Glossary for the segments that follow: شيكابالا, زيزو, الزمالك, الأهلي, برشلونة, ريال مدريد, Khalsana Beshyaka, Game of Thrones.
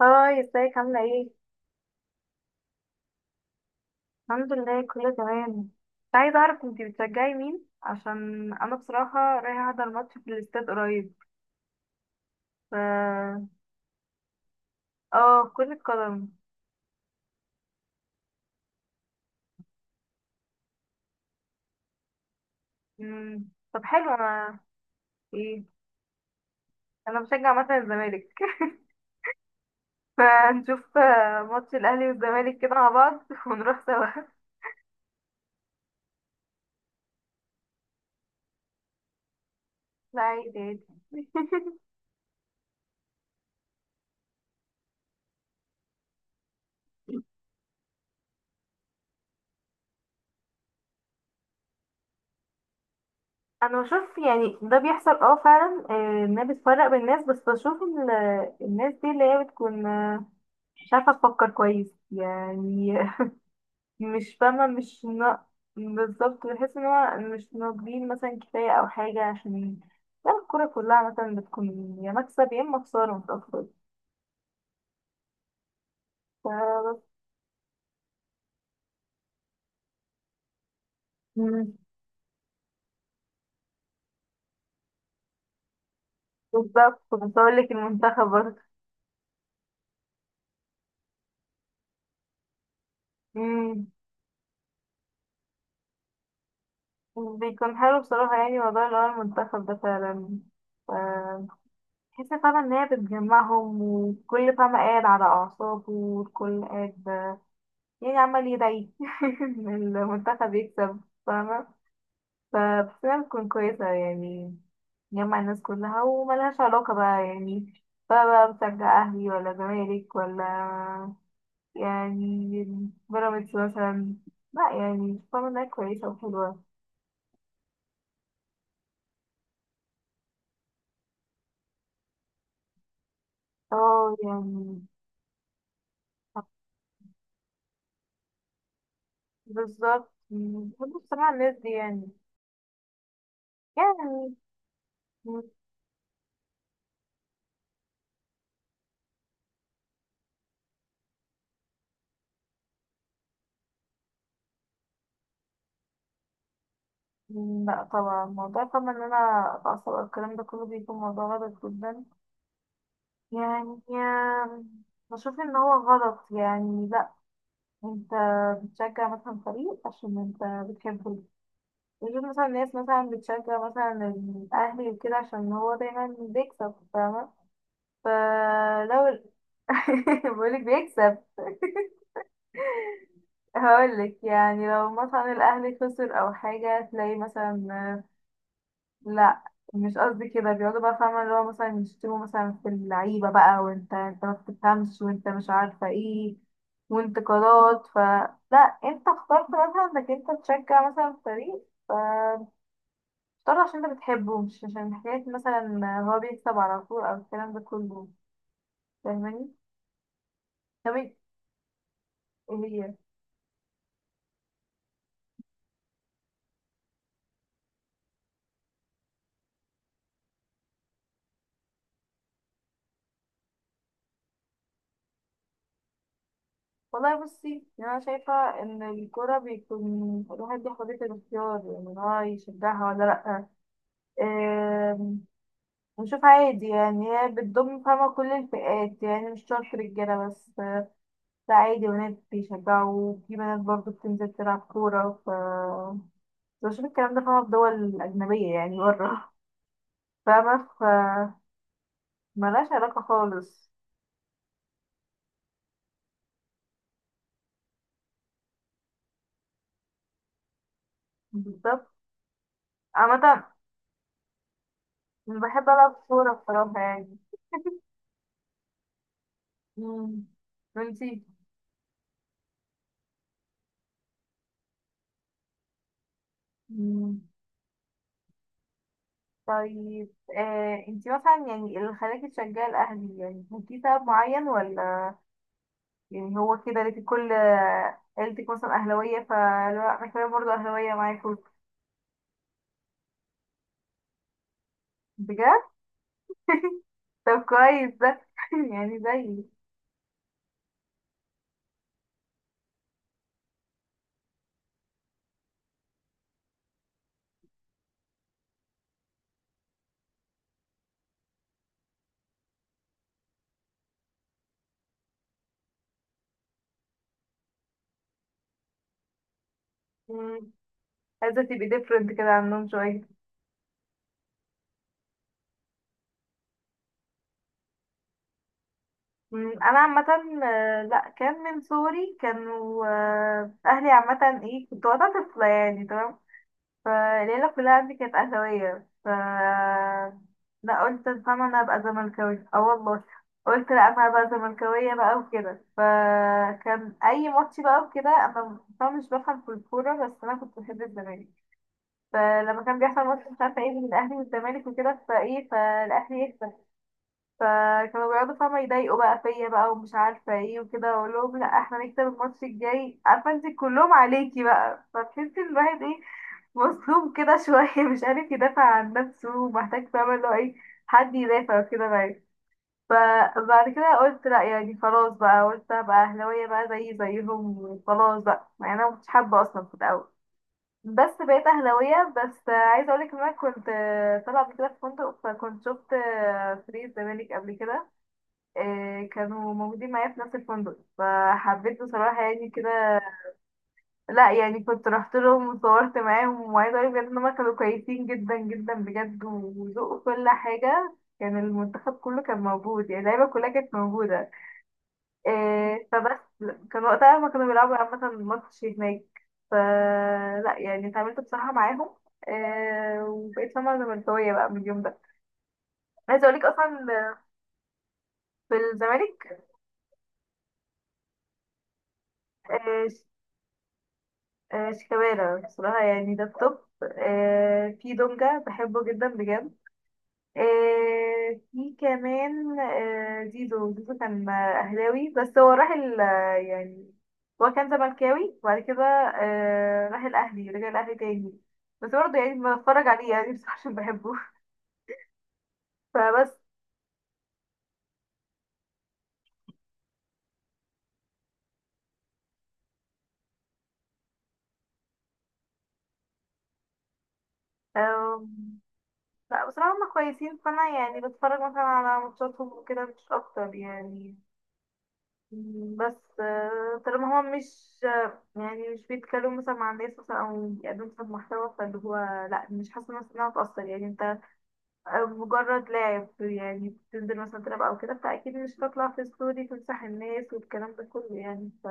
هاي، ازيك عاملة ايه؟ الحمد لله كله تمام. كنت عايزة اعرف انتي بتشجعي مين، عشان انا بصراحة رايحة احضر ماتش في الاستاد قريب. ف اه، كرة قدم. مم. طب حلو. انا ايه، انا بشجع مثلا الزمالك فنشوف ماتش الاهلي والزمالك كده مع بعض ونروح سوا. لا، عادي عادي. انا بشوف يعني ده بيحصل اه فعلا، انها بتفرق بين الناس، بس بشوف الناس دي اللي هي بتكون مش عارفة تفكر كويس يعني، مش فاهمة، مش ن... بالظبط. بحس ان هو مش ناضجين مثلا كفاية او حاجة، عشان لا الكورة كلها مثلا بتكون يا مكسب يا اما خسارة، مش اكتر. فبس. مم. بالظبط، كنت هقولك المنتخب برضه. مم. بيكون حلو بصراحة، يعني موضوع اللي هو المنتخب ده فعلا. ف- بحس فعلا ان هي بتجمعهم، وكل فاهمة قاعد على اعصابه، والكل قاعد يعني عمال يدعي إن المنتخب يكسب. فاهمة؟ فبس، تكون كويسة يعني، جمع الناس كلها، وملهاش علاقة بقى يعني، بقى بشجع أهلي ولا زمالك ولا يعني بيراميدز مثلا. لا يعني، فاهمة إنها كويسة وحلوة. اه يعني. بالظبط. بحب بصراحة الناس دي يعني، يعني. لا طبعا، موضوع فاهمة إن أنا أتعصب أو الكلام ده كله بيكون موضوع غلط جدا، يعني بشوف إن هو غلط يعني. لا، انت بتشجع مثلا فريق عشان انت بتحبه. وجود مثلا ناس مثلا بتشجع مثلا الاهلي وكده عشان هو دايما بيكسب، فاهمة؟ فلو... بقولك بيكسب هقولك يعني، لو مثلا الاهلي خسر او حاجة تلاقي مثلا... لا، مش قصدي كده، بيقعدوا بقى فاهمة اللي هو مثلا يشتموا مثلا في اللعيبة بقى، وانت ما بتفهمش، وانت مش عارفة ايه، وانتقادات. لا، انت اخترت مثلا انك انت تشجع مثلا فريق، فاختار عشان انت بتحبه، مش عشان حكاية مثلا هو بيكسب على طول او الكلام ده كله. فاهماني؟ طب ايه؟ هي، والله بصي، يعني انا شايفة ان الكورة بيكون الواحد ليه حرية الاختيار، يعني ان هو يشجعها ولا لأ. بشوف عادي يعني، هي بتضم فاهمة كل الفئات يعني، مش شرط رجالة بس. لا عادي، بنات بيشجعوا، في بنات برضه بتنزل تلعب كورة. ف بشوف الكلام ده فاهمة في دول أجنبية يعني بره، فاهمة؟ ف ملهاش علاقة خالص. بالظبط. عامة بحب ألعب كورة بصراحة يعني. مم. وانتي؟ مم. طيب، آه انتي مثلا يعني اللي خلاكي تشجعي الأهلي، يعني كان في سبب معين، ولا يعني هو كده ليكي كل عيلتك مثلا أهلاوية، فلا أنا كمان برضه أهلاوية معاكوا. بجد؟ طب كويس ده يعني زيي. مم، عايزة تبقي different كده عنهم شوية. أنا عامة لأ، كان من صغري كانوا أهلي عامة. إيه، كنت وقتها طفلة يعني، تمام؟ فالعيلة كلها عندي كانت أهلاوية. ف لا، قلت فاهمة أنا هبقى زملكاوية. اه والله، قلت لا، أنا هبقى زملكاوية بقى وكده. فكان أي ماتش بقى وكده، أنا فاهمة مش بفهم في الكورة، بس أنا كنت بحب الزمالك. فلما كان بيحصل ماتش مش عارفة ايه بين الأهلي والزمالك وكده، فايه، فالأهلي يكسب، فكانوا بيقعدوا فاهمة يضايقوا بقى فيا بقى، ومش عارفة ايه، وكده أقول لهم لا، احنا نكسب الماتش الجاي، عارفة انت كلهم عليكي بقى، فتحسي الواحد ايه، مظلوم كده شوية، مش عارف يدافع عن نفسه، ومحتاج فاهمة اللي هو ايه، حد يدافع وكده معاه. فبعد كده قلت لا يعني خلاص بقى، قلت ابقى اهلاوية بقى زي زيهم خلاص بقى، مع ان انا مكنتش حابة اصلا في الاول، بس بقيت اهلاوية. بس عايزة اقولك ان انا كنت طالعة قبل كده في فندق، فكنت شفت فريق الزمالك قبل كده. إيه، كانوا موجودين معايا في نفس الفندق، فحبيت بصراحة يعني كده، لا يعني، كنت رحت لهم وصورت معاهم. وعايزة اقول بجد ان هما كانوا كويسين جدا جدا بجد، وذوقوا كل حاجة. كان المنتخب كله كان موجود، يعني اللعيبة كلها كانت موجودة. إيه فبس، كان وقتها هما كانوا بيلعبوا عامة ماتش هناك. ف لا يعني اتعاملت بصراحة معاهم. إيه، وبقيت فاهمة زملكاوية بقى من اليوم ده. عايزة اقولك اصلا. في الزمالك؟ إيه ش- إيه، شيكابالا بصراحة يعني، ده التوب. إيه، في دونجا بحبه جدا بجد. آه في كمان، آه زيزو. زيزو كان أهلاوي، بس هو راح يعني هو كان زملكاوي وبعد كده آه راح الأهلي، رجع الأهلي تاني. بس برضه يعني بتفرج عليه يعني بصراحة عشان بحبه فبس. آم، لا بصراحة هما كويسين، فأنا يعني بتفرج مثلا على ماتشاتهم وكده، مش أكتر يعني. بس طالما هما مش يعني مش بيتكلموا مثلا مع الناس مثلا أو بيقدموا مثلا محتوى فاللي هو... لا، مش حاسة نفسي إنها هتأثر يعني، مجرد لعب يعني، بتنزل مثلا تلعب او كده، فاكيد مش هتطلع في ستوري تمسح الناس والكلام ده كله يعني. ف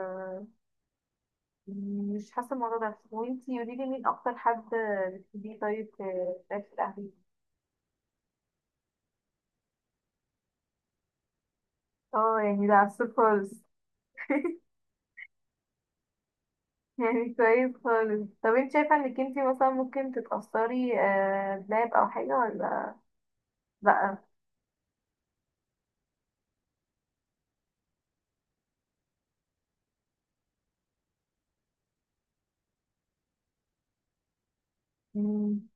مش حاسه الموضوع ده. وانتي قولي لي مين اكتر حد بتحبيه، طيب في في الاهلي؟ اه يعني ده عسول خالص. يعني كويس خالص. طب انت شايفه انك انتي مثلا ممكن تتاثري بلعب او حاجه ولا لا؟ مم.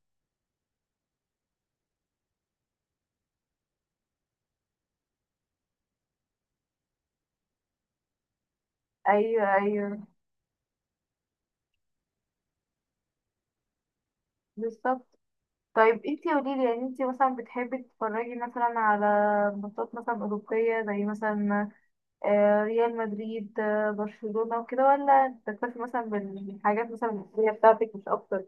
ايوه ايوه، بالظبط. طيب انتي قوليلي، يعني انتي مثلا بتحبي تتفرجي مثلا على ماتشات مثلا أوروبية، زي مثلا ريال مدريد، برشلونة وكده، ولا بتكتفي مثلا بالحاجات مثلا المصرية بتاعتك مش أكتر؟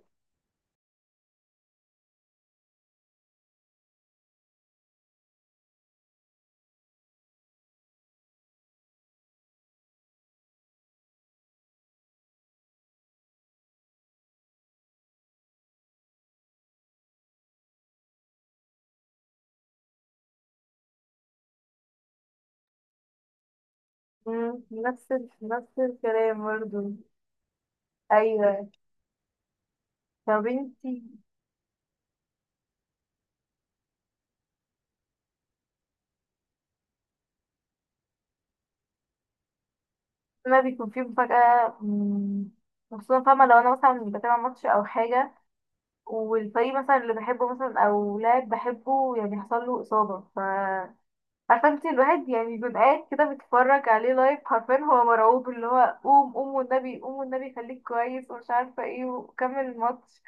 مم، نفس الكلام برضه. أيوه. طب انتي... ما بيكون في مفاجأة. خصوصا فاهمة لو أنا مثلا بتابع ماتش أو حاجة، والفريق مثلا اللي بحبه مثلا أو لاعب بحبه يعني حصل له إصابة، ف عارفه انت الواحد يعني بيبقى قاعد كده بيتفرج عليه لايف، حرفيا هو مرعوب اللي هو قوم قوم، والنبي قوم، والنبي خليك كويس، ومش عارفه ايه، وكمل الماتش.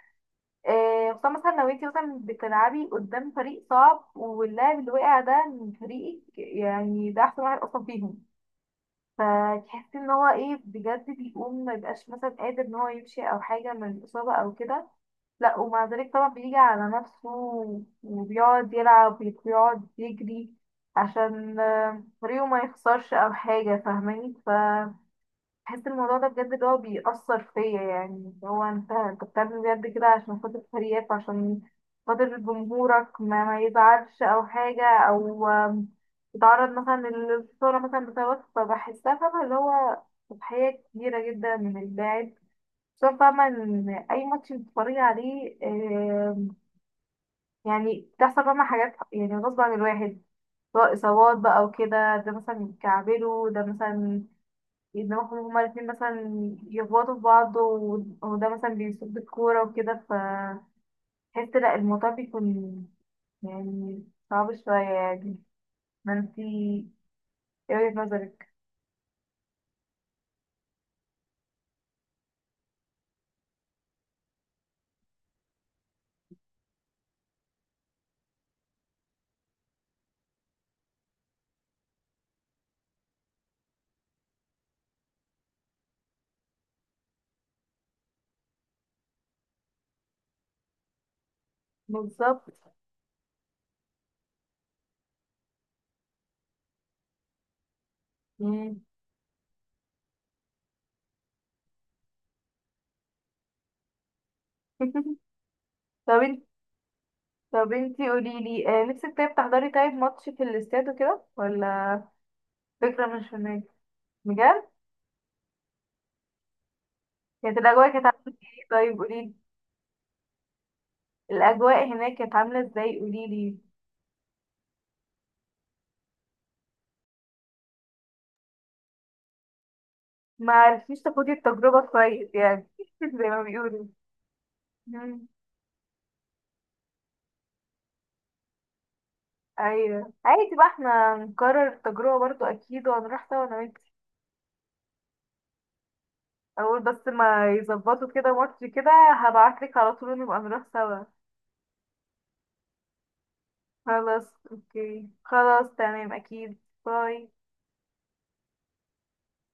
إيه، خصوصا مثلا لو انت مثلا بتلعبي قدام فريق صعب، واللاعب اللي وقع ده من فريقك، يعني ده احسن واحد اصلا فيهم، فتحسي ان هو ايه بجد، بيقوم ما يبقاش مثلا قادر ان هو يمشي او حاجه من الاصابه او كده. لا ومع ذلك طبعا بيجي على نفسه، وبيقعد يلعب وبيقعد يجري، عشان فريقه ما يخسرش او حاجه، فاهماني؟ فبحس الموضوع ده بجد اللي هو بيأثر فيا، يعني اللي هو انت انت بتعمل بجد كده عشان خاطر فريقك، عشان خاطر جمهورك ما يزعلش او حاجه، او يتعرض مثلا للخساره مثلا بسببك. فبحسها فاهمه اللي هو تضحيه كبيره جدا من اللاعب. شوف فاهمة، إن أي ماتش بتتفرجي عليه، يعني بتحصل فاهمة حاجات يعني غصب عن الواحد، سواء إصابات بقى وكده، ده مثلا يتكعبلوا، ده مثلا دماغهم هما الاتنين مثلا يخبطوا في بعض، وده مثلا بيصد الكورة وكده، فتحس لأ، الموضوع بيكون يعني صعب شوية يعني. ما انتي... ايه وجهة نظرك؟ بالظبط. مم. طب انت... طب انتي قوليلي نفسك طيب تحضري طيب ماتش في الاستاد وكده ولا؟ فكرة مش هناك. بجد؟ كانت الأجواء كانت عاملة ايه؟ طيب قوليلي، الأجواء هناك كانت عاملة ازاي؟ قوليلي. ما عرفتيش تاخدي التجربة كويس يعني زي ما بيقولوا. مم. أيوه، عادي بقى احنا نكرر التجربة برضو أكيد، وهنروح سوا أنا وانتي. أول بس ما يظبطوا كده ماتش كده، هبعتلك على طول، نبقى نروح سوا. خلاص. اوكي خلاص، تمام أكيد. باي.